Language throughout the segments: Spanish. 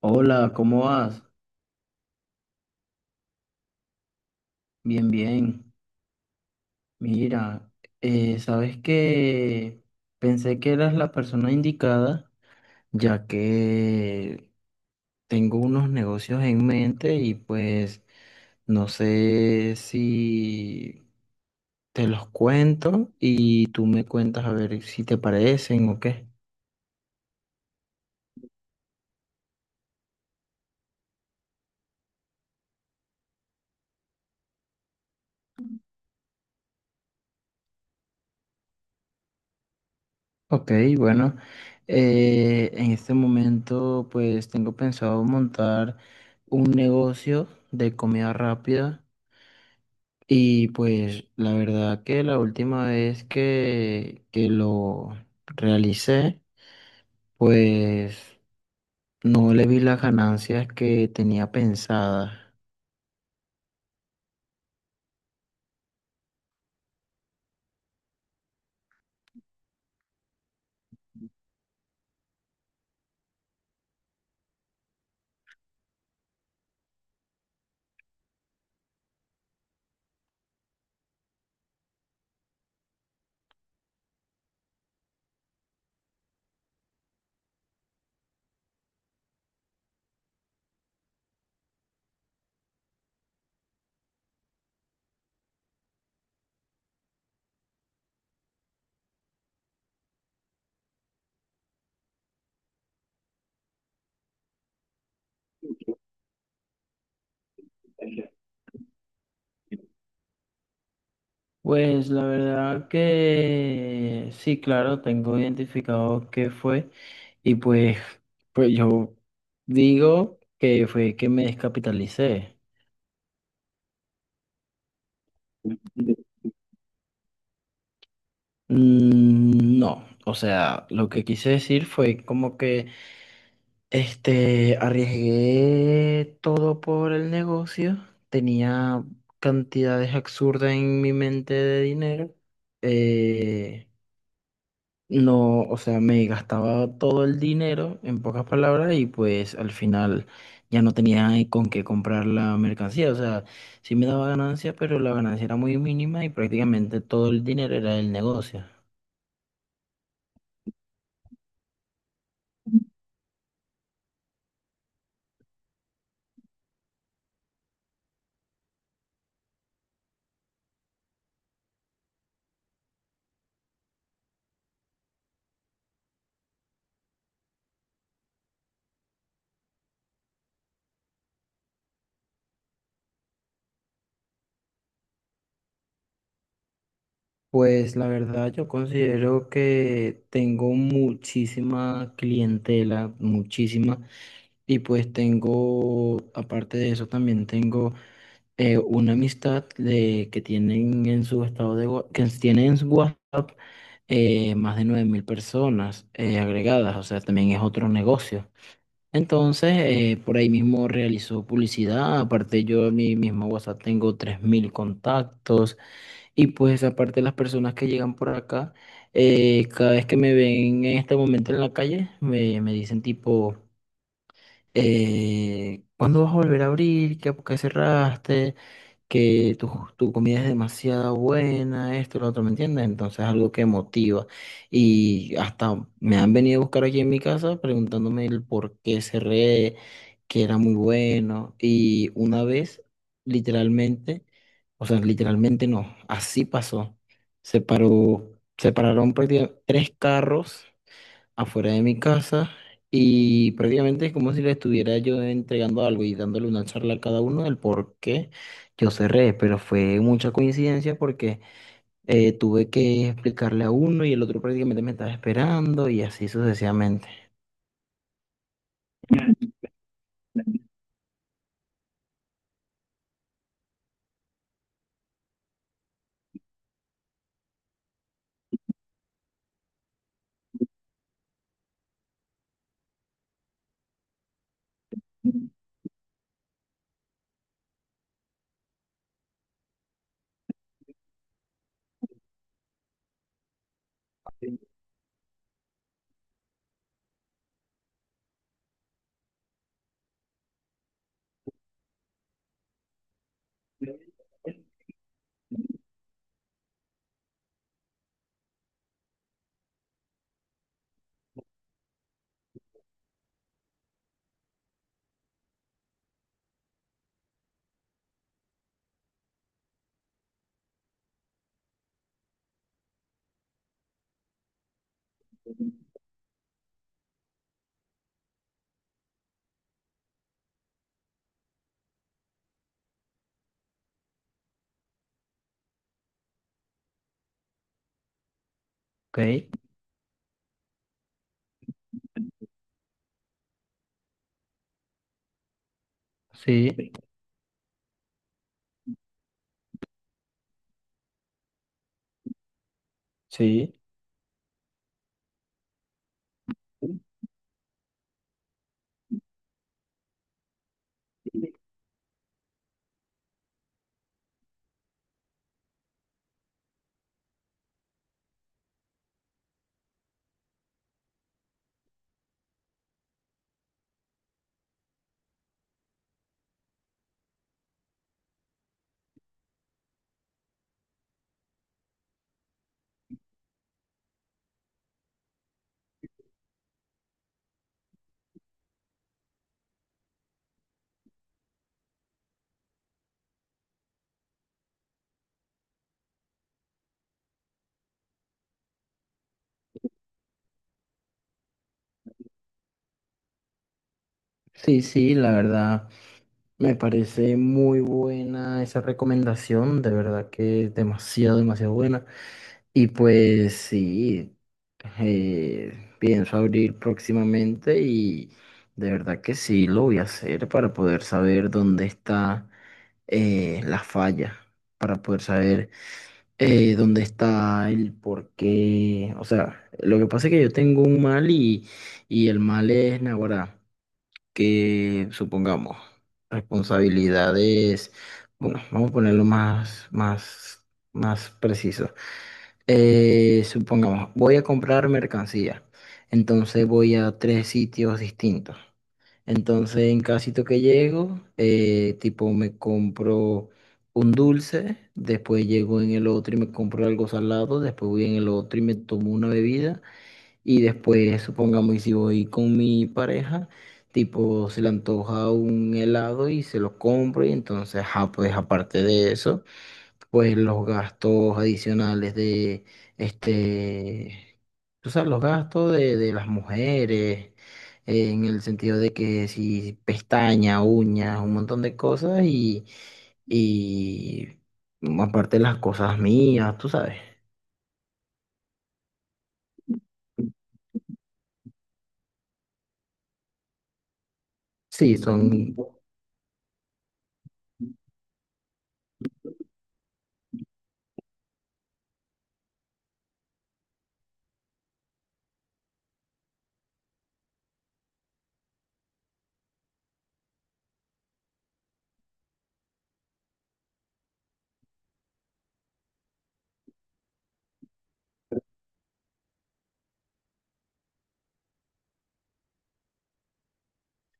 Hola, ¿cómo vas? Bien, bien. Mira, sabes que pensé que eras la persona indicada, ya que tengo unos negocios en mente y pues no sé si te los cuento y tú me cuentas a ver si te parecen o qué. Ok, bueno, en este momento pues tengo pensado montar un negocio de comida rápida. Y pues la verdad que la última vez que lo realicé, pues no le vi las ganancias que tenía pensadas. Pues la verdad que sí, claro, tengo identificado qué fue y pues yo digo que fue que me descapitalicé. Mm, no, o sea, lo que quise decir fue como que... Este, arriesgué todo por el negocio. Tenía cantidades absurdas en mi mente de dinero. Eh, no, o sea, me gastaba todo el dinero, en pocas palabras, y pues al final ya no tenía con qué comprar la mercancía. O sea, sí me daba ganancia, pero la ganancia era muy mínima y prácticamente todo el dinero era del negocio. Pues la verdad yo considero que tengo muchísima clientela, muchísima, y pues tengo, aparte de eso también tengo una amistad de, que tienen en su WhatsApp más de 9000 personas agregadas, o sea, también es otro negocio. Entonces, por ahí mismo realizo publicidad. Aparte, yo en mi mismo WhatsApp tengo 3000 contactos. Y pues aparte las personas que llegan por acá, cada vez que me ven en este momento en la calle, me dicen tipo, ¿cuándo vas a volver a abrir? ¿Por qué cerraste? Que tu comida es demasiado buena, esto, lo otro, ¿me entiendes? Entonces, algo que motiva. Y hasta me han venido a buscar aquí en mi casa preguntándome el por qué cerré, que era muy bueno. Y una vez, literalmente, o sea, literalmente no, así pasó. Se paró, se pararon prácticamente tres carros afuera de mi casa, y prácticamente es como si le estuviera yo entregando algo y dándole una charla a cada uno del por qué yo cerré, pero fue mucha coincidencia porque tuve que explicarle a uno y el otro prácticamente me estaba esperando y así sucesivamente. Ok, sí, sí. Sí, sí, la verdad me parece muy buena esa recomendación, de verdad que es demasiado, demasiado buena. Y pues sí, pienso abrir próximamente y de verdad que sí lo voy a hacer para poder saber dónde está la falla, para poder saber dónde está el por qué. O sea, lo que pasa es que yo tengo un mal y el mal es naguará, que supongamos responsabilidades. Bueno, vamos a ponerlo más preciso. Supongamos, voy a comprar mercancía, entonces voy a tres sitios distintos. Entonces, en cada sitio que llego, tipo me compro un dulce, después llego en el otro y me compro algo salado, después voy en el otro y me tomo una bebida y después, supongamos, y si voy con mi pareja, tipo se le antoja un helado y se lo compro, y entonces, ajá, pues aparte de eso pues los gastos adicionales de, este, tú sabes, los gastos de las mujeres, en el sentido de que si pestañas, uñas, un montón de cosas y, aparte, las cosas mías, tú sabes. Sí,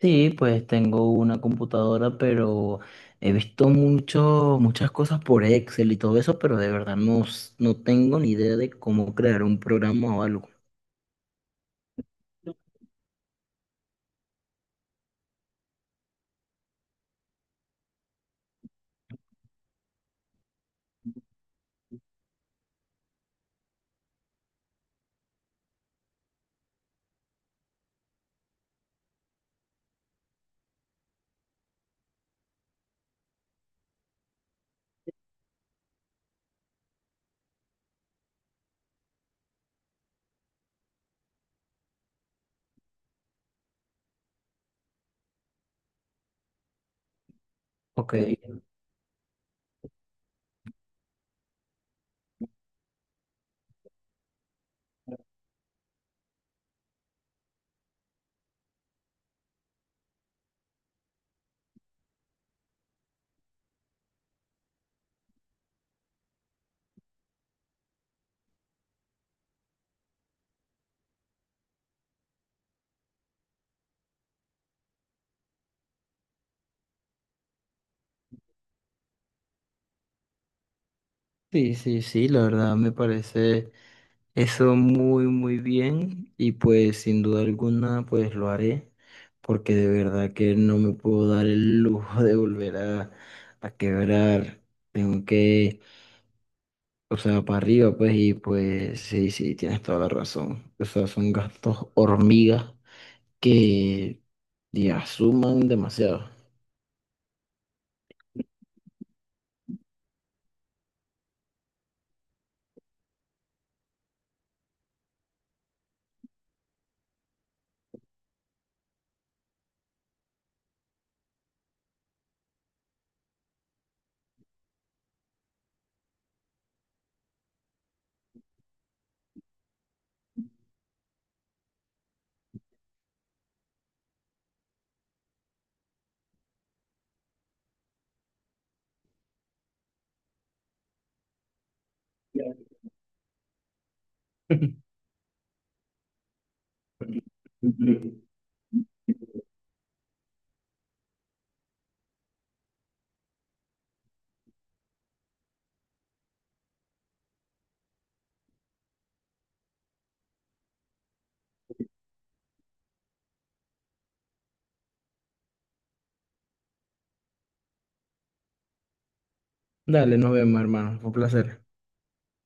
sí, pues tengo una computadora, pero he visto muchas cosas por Excel y. Sí, sí, sí, la verdad me parece eso muy, muy bien y pues sin duda alguna pues lo haré, porque de verdad que no me puedo dar el lujo de volver a quebrar. Tengo que, o sea, para arriba pues. Y pues sí, sí, tienes toda la razón. O sea, son gastos hormigas que ya suman demasiado. Ujú. Dale, nos vemos, hermano. Fue un placer.